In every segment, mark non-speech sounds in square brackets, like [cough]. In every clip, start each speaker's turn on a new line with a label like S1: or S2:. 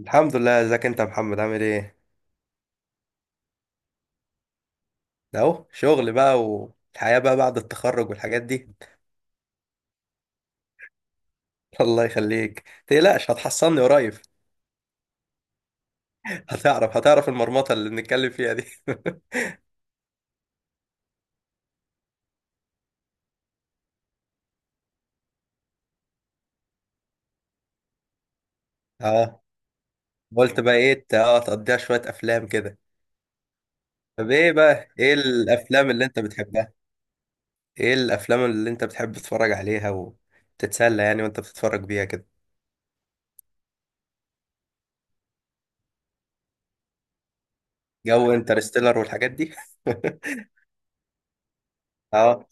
S1: الحمد لله. ازيك انت يا محمد؟ عامل ايه؟ ده اهو شغل بقى والحياة بقى بعد التخرج والحاجات دي. [laughs] الله يخليك تقلقش هتحصلني قريب. [laughs] هتعرف المرمطة اللي بنتكلم فيها دي. [laughs] اه. قلت بقى ايه تقضيها شوية افلام كده؟ طب ايه بقى؟ ايه الافلام اللي انت بتحبها؟ ايه الافلام اللي انت بتحب تتفرج عليها وتتسلى يعني وانت بتتفرج بيها كده؟ جو انترستيلر والحاجات دي. [laughs] اه.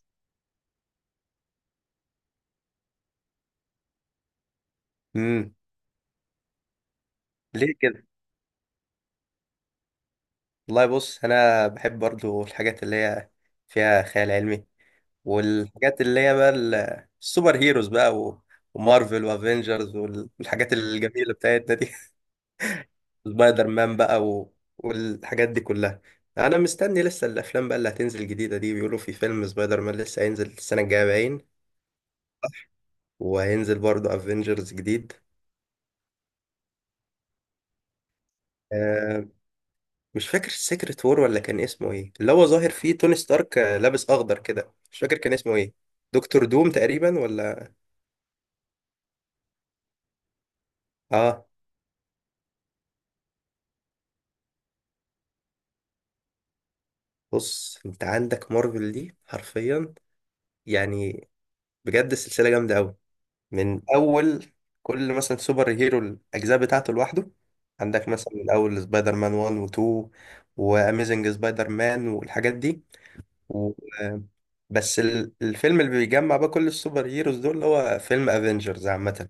S1: امم ليه؟ والله بص انا بحب برضو الحاجات اللي هي فيها خيال علمي، والحاجات اللي هي بقى السوبر هيروز بقى ومارفل وافنجرز والحاجات الجميله بتاعتنا دي. [laughs] سبايدر مان بقى والحاجات دي كلها. انا مستني لسه الافلام بقى اللي هتنزل جديده دي، بيقولوا في فيلم سبايدر مان لسه هينزل السنه الجايه باين، وهينزل برضو افنجرز جديد. آه، مش فاكر سيكريت وور ولا كان اسمه ايه، اللي هو ظاهر فيه توني ستارك، لابس اخضر كده، مش فاكر كان اسمه ايه، دكتور دوم تقريبا، ولا؟ اه. بص انت عندك مارفل دي حرفيا يعني، بجد السلسله جامده قوي. من اول كل مثلا سوبر هيرو الاجزاء بتاعته لوحده. عندك مثلا من اول سبايدر مان 1 و2، واميزنج سبايدر مان والحاجات دي و... آه، بس الفيلم اللي بيجمع بقى كل السوبر هيروز دول اللي هو فيلم افنجرز عامه،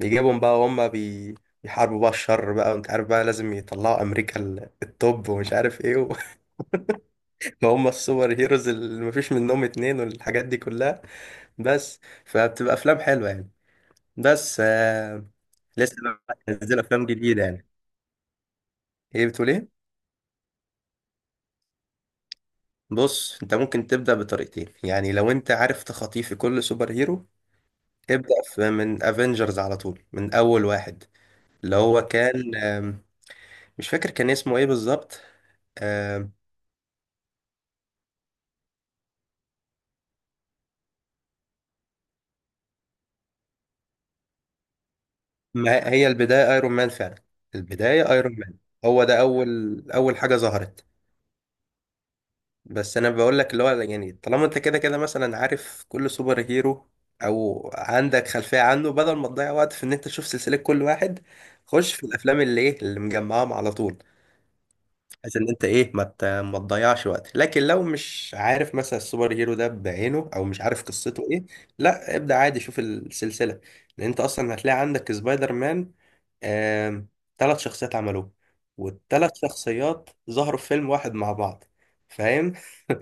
S1: يجيبهم بقى وهم بيحاربوا بقى الشر بقى، وانت عارف بقى لازم يطلعوا امريكا التوب، ومش عارف ايه [laughs] هم السوبر هيروز اللي مفيش منهم اتنين، والحاجات دي كلها. بس فبتبقى افلام حلوه يعني. بس آه... لسه بقى هنزل افلام جديده يعني. ايه بتقول ايه؟ بص انت ممكن تبدا بطريقتين، يعني لو انت عارف تخاطيف كل سوبر هيرو، ابدا في من افنجرز على طول، من اول واحد اللي هو كان مش فاكر كان اسمه ايه بالظبط. ما هي البداية ايرون مان فعلا، البداية ايرون مان، هو ده اول اول حاجة ظهرت. بس انا بقول لك اللي هو يعني طالما انت كده كده مثلا عارف كل سوبر هيرو، او عندك خلفية عنه، بدل ما تضيع وقت في ان انت تشوف سلسلة كل واحد، خش في الافلام اللي ايه اللي مجمعاهم على طول، بحيث ان انت ايه ما تضيعش وقت. لكن لو مش عارف مثلا السوبر هيرو ده بعينه، او مش عارف قصته ايه، لا ابدأ عادي شوف السلسلة. لان انت اصلا هتلاقي عندك سبايدر مان، آم، 3 شخصيات عملوه، والتلات شخصيات ظهروا في فيلم واحد مع بعض، فاهم؟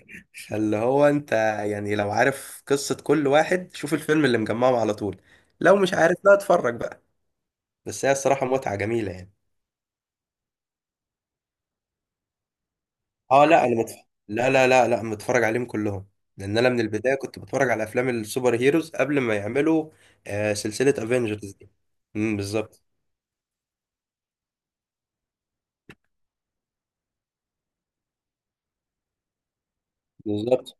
S1: [laughs] فاللي هو انت يعني لو عارف قصة كل واحد شوف الفيلم اللي مجمعهم على طول. لو مش عارف لا اتفرج بقى. بس هي الصراحة متعة جميلة يعني. اه، لا، انا لا، لا، لا، لا، متفرج عليهم كلهم. لان انا من البدايه كنت بتفرج على افلام السوبر هيروز قبل ما يعملوا سلسله افنجرز دي. امم، بالظبط. بالظبط.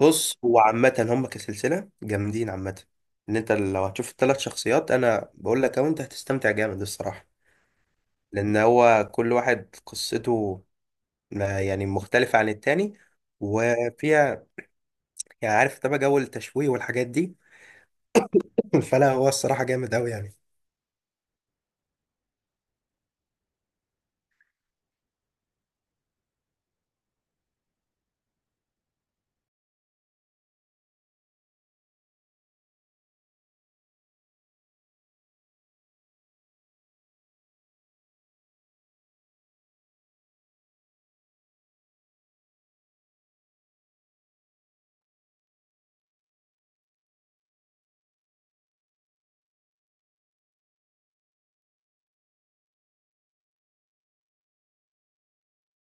S1: بص هو عامه هم كسلسله جامدين عامه. ان انت لو هتشوف الثلاث شخصيات انا بقول لك اهو انت هتستمتع جامد الصراحه. لان هو كل واحد قصته يعني مختلفه عن التاني، وفيها يعني عارف طبعا جو التشويق والحاجات دي. [laughs] فلا هو الصراحه جامد قوي يعني.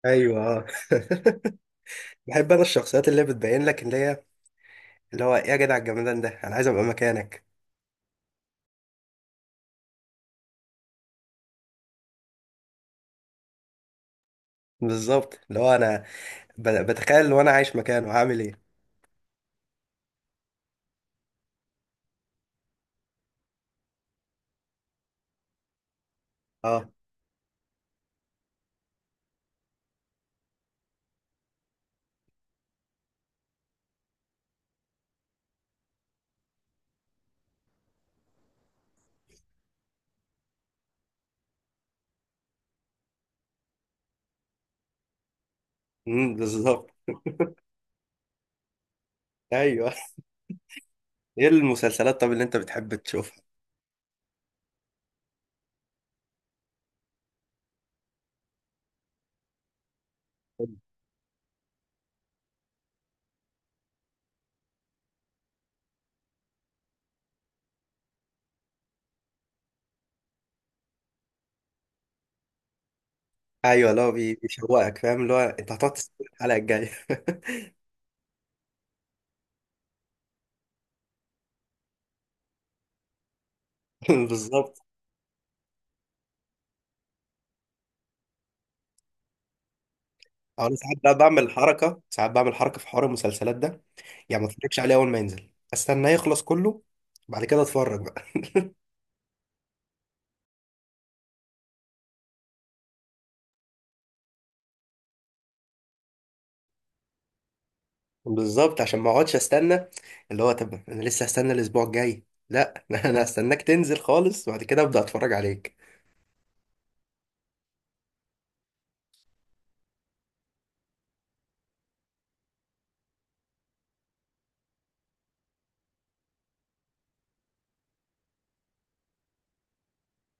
S1: ايوه. آه. [laughs] بحب انا الشخصيات اللي بتبين لك، اللي هي اللي هو ايه يا جدع الجمدان ده انا عايز ابقى مكانك. بالظبط، اللي هو انا بتخيل لو انا عايش مكانه هعمل ايه. اه. امم، بالظبط. ايوه. [laughs] ايه المسلسلات طب اللي انت بتحب تشوفها؟ ايوه اللي هو بيشوقك، فاهم؟ اللي هو انت هتقعد تستنى الحلقه الجايه. [laughs] بالظبط. أو انا ساعات بقى بعمل حركه، ساعات بعمل حركه في حوار المسلسلات ده، يعني ما اتفرجش عليه اول ما ينزل، استناه يخلص كله بعد كده اتفرج. بالظبط، عشان ما اقعدش استنى، اللي هو طب انا لسه هستنى الاسبوع الجاي؟ لا. [laughs] انا هستناك تنزل خالص وبعد كده ابدا اتفرج عليك.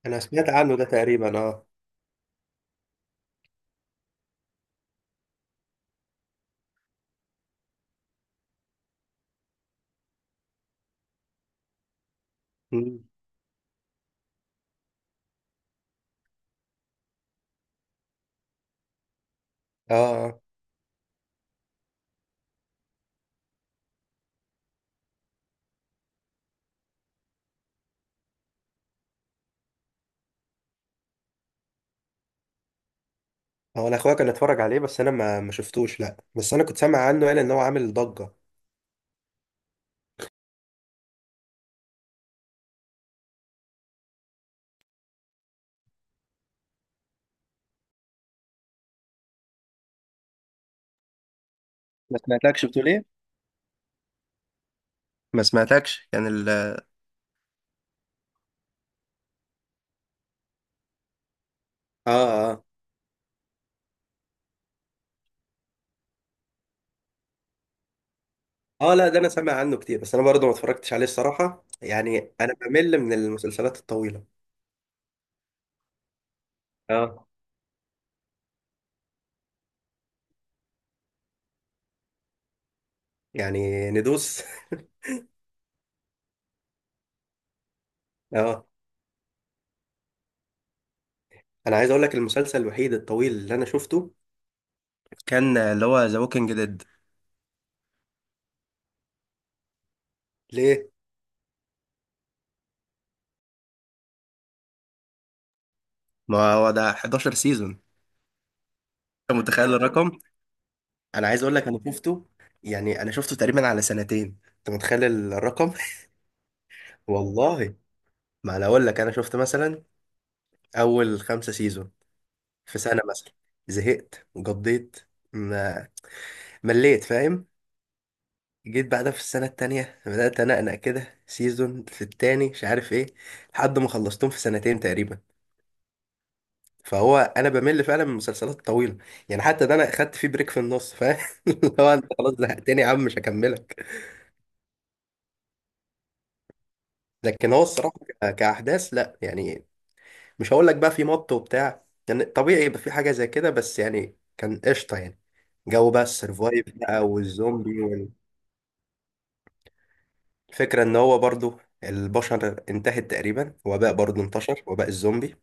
S1: انا سمعت عنه ده تقريبا، اه. مم. اه. آه. هو انا اخويا كان اتفرج عليه بس انا ما شفتوش، لا، بس انا كنت سامع عنه، قال ان هو عامل ضجة. ما سمعتكش بتقول ايه؟ ما سمعتكش كان ال اه اه. اه، لا، ده انا سامع عنه كتير بس انا برضه ما اتفرجتش عليه الصراحة، يعني انا بمل من المسلسلات الطويلة. اه. يعني ندوس. [laughs] اه. انا عايز اقول لك المسلسل الوحيد الطويل اللي انا شفته كان اللي هو ذا ووكينج ديد. ليه؟ ما هو ده 11 سيزون، انت متخيل الرقم. انا عايز اقول لك انا شفته، يعني انا شفته تقريبا على سنتين، انت متخيل الرقم. [laughs] والله، ما انا اقول لك انا شفت مثلا اول 5 سيزون في سنة مثلا، زهقت وقضيت، ما مليت، فاهم؟ جيت بعدها في السنة التانية بدأت أنقنق كده سيزون في التاني مش عارف ايه، لحد ما خلصتهم في سنتين تقريبا. فهو انا بمل فعلا من المسلسلات الطويله، يعني حتى ده انا اخدت فيه بريك في النص، فاهم؟ [laughs] اللي هو انت خلاص زهقتني يا عم مش هكملك. لكن هو الصراحه كاحداث لا يعني، مش هقول لك بقى في مط وبتاع، يعني طبيعي يبقى في حاجه زي كده، بس يعني كان قشطه يعني، جو بقى السرفايف بقى والزومبي. والفكره ان هو برضو البشر انتهت تقريبا، وباء برضو انتشر، وباء الزومبي.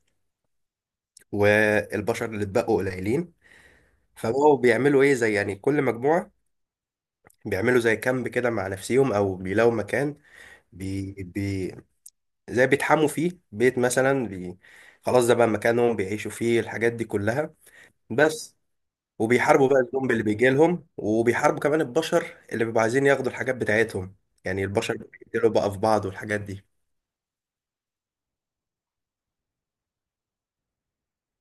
S1: والبشر اللي اتبقوا قليلين، فبقوا بيعملوا ايه زي يعني كل مجموعه بيعملوا زي كامب كده مع نفسيهم، او بيلاقوا مكان بي... بي... زي بيتحموا فيه بيت مثلا، خلاص ده بقى مكانهم بيعيشوا فيه الحاجات دي كلها. بس وبيحاربوا بقى الزومبي اللي بيجي لهم، وبيحاربوا كمان البشر اللي بيبقوا عايزين ياخدوا الحاجات بتاعتهم، يعني البشر بيقتلوا بقى في بعض والحاجات دي.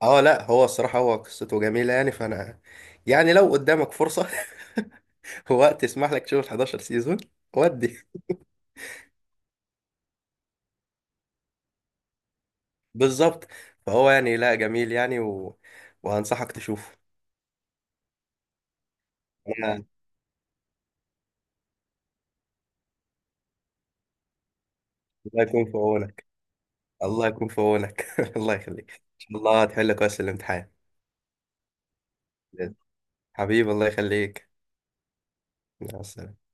S1: اه، لا، هو الصراحة هو قصته جميلة يعني، فانا يعني لو قدامك فرصة [laughs] ووقت يسمح لك تشوف ال 11 سيزون ودي، بالظبط. فهو يعني لا جميل يعني وهنصحك تشوفه. يا. الله يكون في عونك. الله يكون في عونك. [laughs] الله يخليك، ان شاء الله هتحل كويس الامتحان. حبيبي الله يخليك. مع السلامة.